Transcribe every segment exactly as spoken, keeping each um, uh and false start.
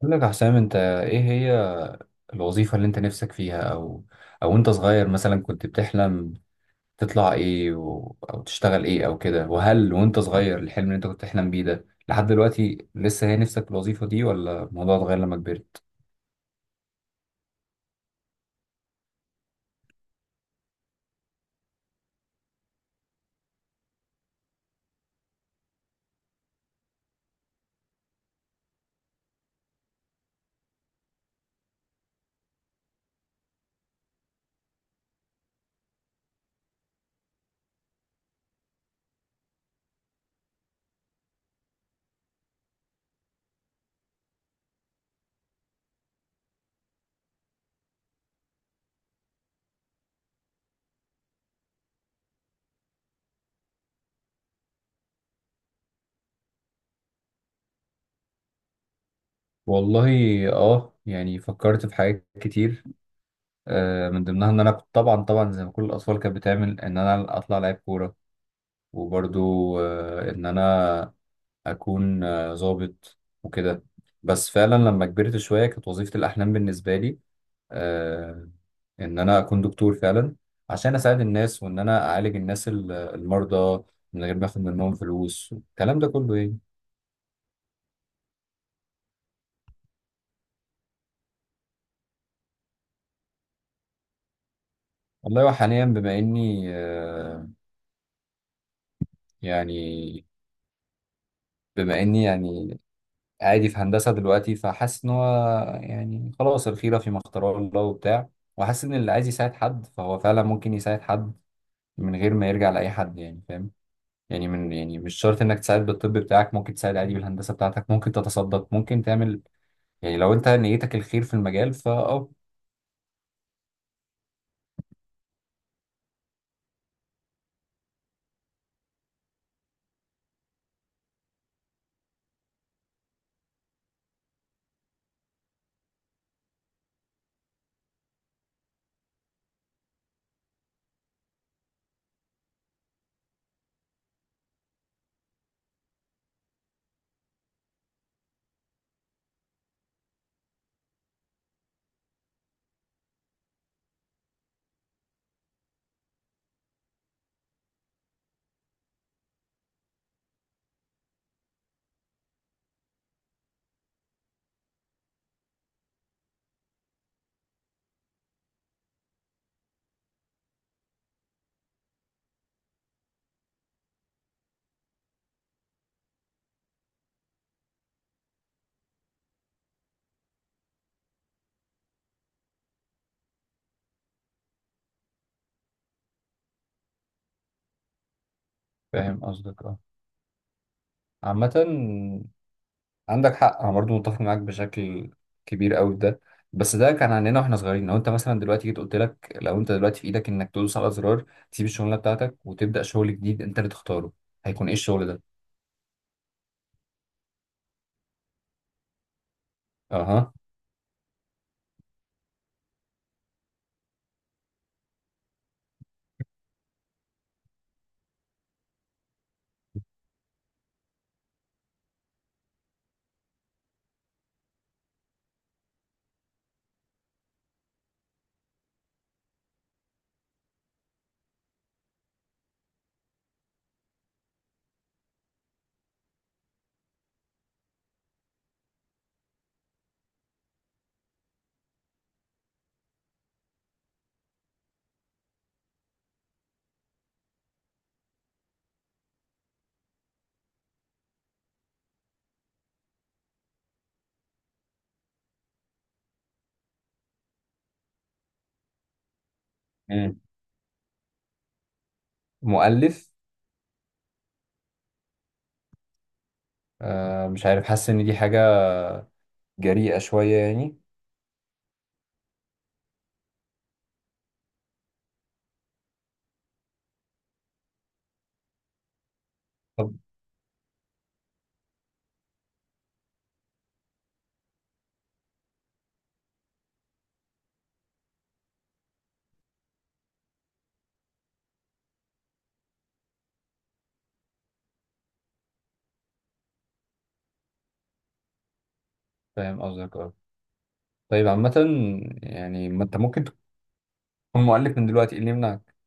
بقول لك يا حسام، انت ايه هي الوظيفة اللي انت نفسك فيها؟ او او انت صغير مثلا كنت بتحلم تطلع ايه و... او تشتغل ايه او كده، وهل وانت صغير الحلم اللي انت كنت بتحلم بيه ده لحد دلوقتي لسه هي نفسك في الوظيفة دي، ولا الموضوع اتغير لما كبرت؟ والله اه يعني فكرت في حاجات كتير. آه من ضمنها ان انا كنت، طبعا طبعا زي ما كل الاطفال كانت بتعمل، ان انا اطلع لعيب كورة. وبرضو آه ان انا اكون آه، ظابط وكده. بس فعلا لما كبرت شويه كانت وظيفه الاحلام بالنسبه لي آه، ان انا اكون دكتور فعلا، عشان اساعد الناس وان انا اعالج الناس ال- المرضى من غير ما اخد منهم فلوس، الكلام ده كله. ايه والله، وحاليا بما اني آه، يعني بما اني يعني عادي في هندسه دلوقتي، فحاسس ان هو يعني خلاص الخيره فيما اختاره الله وبتاع. وحاسس ان اللي عايز يساعد حد فهو فعلا ممكن يساعد حد من غير ما يرجع لاي حد، يعني فاهم. يعني من يعني مش شرط انك تساعد بالطب بتاعك، ممكن تساعد عادي بالهندسه بتاعتك، ممكن تتصدق، ممكن تعمل، يعني لو انت نيتك الخير في المجال فاه فاهم قصدك، اه عامه. عندك حق، انا برضو متفق معاك بشكل كبير قوي في ده. بس ده كان عندنا واحنا صغيرين. لو انت مثلا دلوقتي جيت قلت لك، لو انت دلوقتي في ايدك انك تدوس على زرار تسيب الشغلانه بتاعتك وتبدا شغل جديد انت اللي تختاره، هيكون ايه الشغل ده؟ اها. مم. مؤلف. آه مش عارف، حاسس ان دي حاجه جريئه شويه يعني. طب فاهم قصدك، اه طيب. عامة يعني ما انت ممكن تكون مؤلف من دلوقتي، ايه اللي يمنعك؟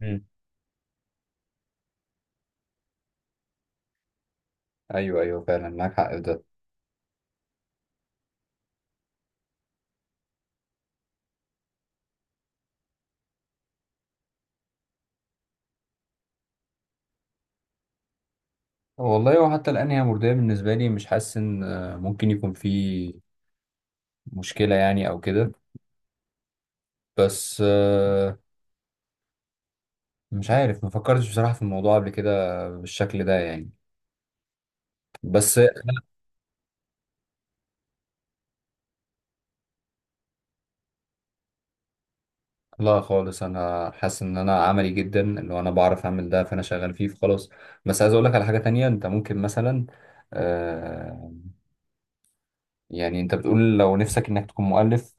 مم. ايوه ايوه، فعلا معاك حق في ده. والله، وحتى الان هي مرضية بالنسبة لي، مش حاسس ان آه، ممكن يكون في مشكلة يعني او كده. بس آه، مش عارف، ما فكرتش بصراحة في الموضوع قبل كده بالشكل ده يعني. بس لا خالص، انا حاسس ان انا عملي جدا، اللي انا بعرف اعمل ده فانا شغال فيه فخلاص. بس عايز اقول لك على حاجة تانية. انت ممكن مثلا آه، يعني انت بتقول لو نفسك انك تكون مؤلف،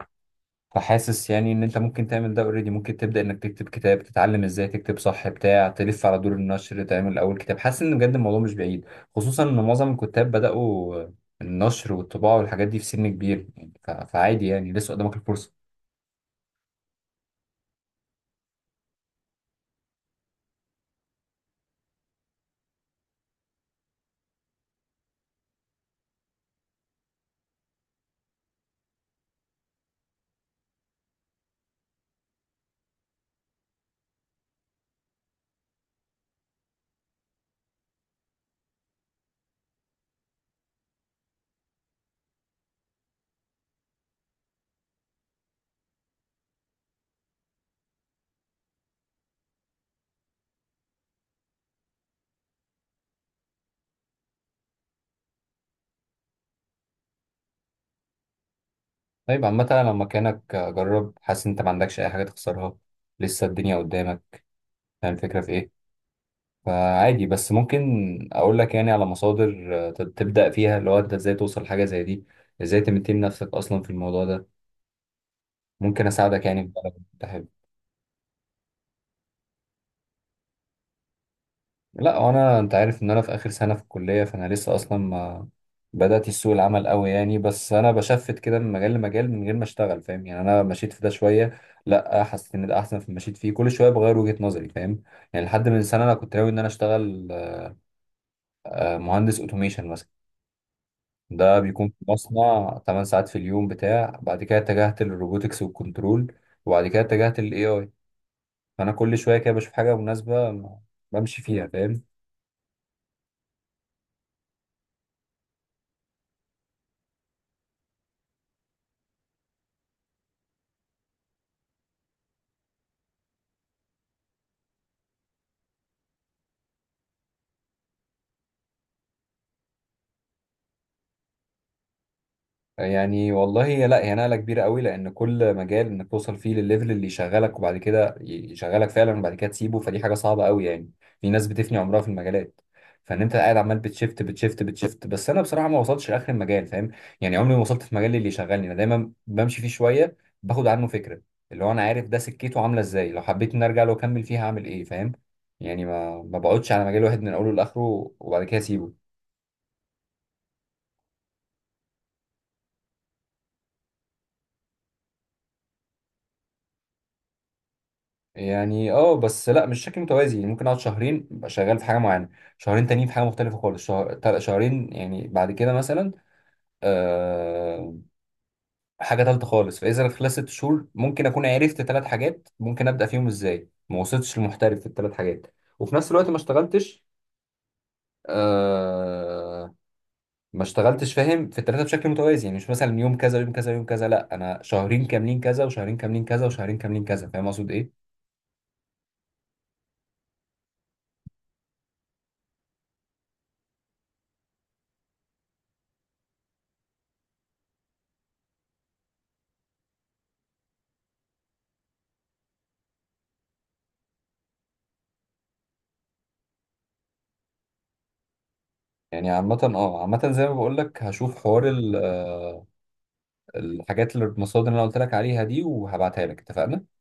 فحاسس يعني ان انت ممكن تعمل ده اوريدي. ممكن تبدا انك تكتب كتاب، تتعلم ازاي تكتب صح بتاع تلف على دور النشر، تعمل اول كتاب. حاسس ان بجد الموضوع مش بعيد، خصوصا ان معظم الكتاب بداوا النشر والطباعه والحاجات دي في سن كبير يعني. ف- فعادي يعني، لسه قدامك الفرصه. طيب عامه، أنا لو مكانك جرب. حاسس ان انت ما عندكش اي حاجه تخسرها، لسه الدنيا قدامك. فاهم الفكره في ايه؟ فعادي. بس ممكن اقول لك يعني على مصادر آه، تبدا فيها، اللي هو انت ازاي توصل لحاجه زي دي، ازاي تمتين نفسك اصلا في الموضوع ده. ممكن اساعدك يعني بقى لو انت حابب. لا، هو انا، انت عارف ان انا في اخر سنه في الكليه، فانا لسه اصلا ما بدات سوق العمل قوي يعني. بس انا بشفت كده من مجال لمجال من غير ما اشتغل، فاهم يعني. انا مشيت في ده شويه، لا حسيت ان ده احسن في، مشيت فيه كل شويه بغير وجهه نظري، فاهم؟ يعني لحد من سنه انا كنت ناوي ان انا اشتغل آه، مهندس اوتوميشن مثلا، ده بيكون في مصنع 8 ساعات في اليوم بتاع بعد كده اتجهت للروبوتكس والكنترول، وبعد كده اتجهت للاي اي. فانا كل شويه كده بشوف حاجه مناسبه بمشي فيها، فاهم؟ يعني والله، هي لا، هي نقلة كبيرة قوي، لأن كل مجال إنك توصل فيه للليفل اللي يشغلك وبعد كده يشغلك فعلا وبعد كده تسيبه، فدي حاجة صعبة قوي يعني. في ناس بتفني عمرها في المجالات، فإن أنت قاعد عمال بتشفت بتشفت بتشفت. بس أنا بصراحة ما وصلتش لآخر المجال، فاهم؟ يعني عمري ما وصلت في مجال اللي يشغلني. أنا دايما بمشي فيه شوية، باخد عنه فكرة، اللي هو أنا عارف ده سكته عاملة إزاي، لو حبيت إني أرجع له أكمل فيها هعمل إيه، فاهم؟ يعني ما ما بقعدش على مجال واحد من أوله لآخره وبعد كده أسيبه. يعني اه بس لا مش شكل متوازي. يعني ممكن اقعد شهرين ابقى شغال في حاجه معينه، شهرين تانيين في حاجه مختلفه خالص. شهر... تل- شهرين يعني بعد كده مثلا آه... حاجه تالته خالص. فاذا خلال ست شهور ممكن اكون عرفت ثلاث حاجات، ممكن ابدا فيهم ازاي، ما وصلتش لمحترف في الثلاث حاجات، وفي نفس الوقت ما اشتغلتش آه... ما اشتغلتش، فاهم، في الثلاثه بشكل متوازي. يعني مش مثلا يوم كذا يوم كذا يوم كذا، لا انا شهرين كاملين كذا وشهرين كاملين كذا وشهرين كاملين كذا، فاهم اقصد ايه؟ يعني عامة، اه عامة زي ما بقول لك، هشوف حوار ال- آه، الحاجات اللي المصادر اللي انا قلت لك عليها دي، وهبعتها لك. اتفقنا.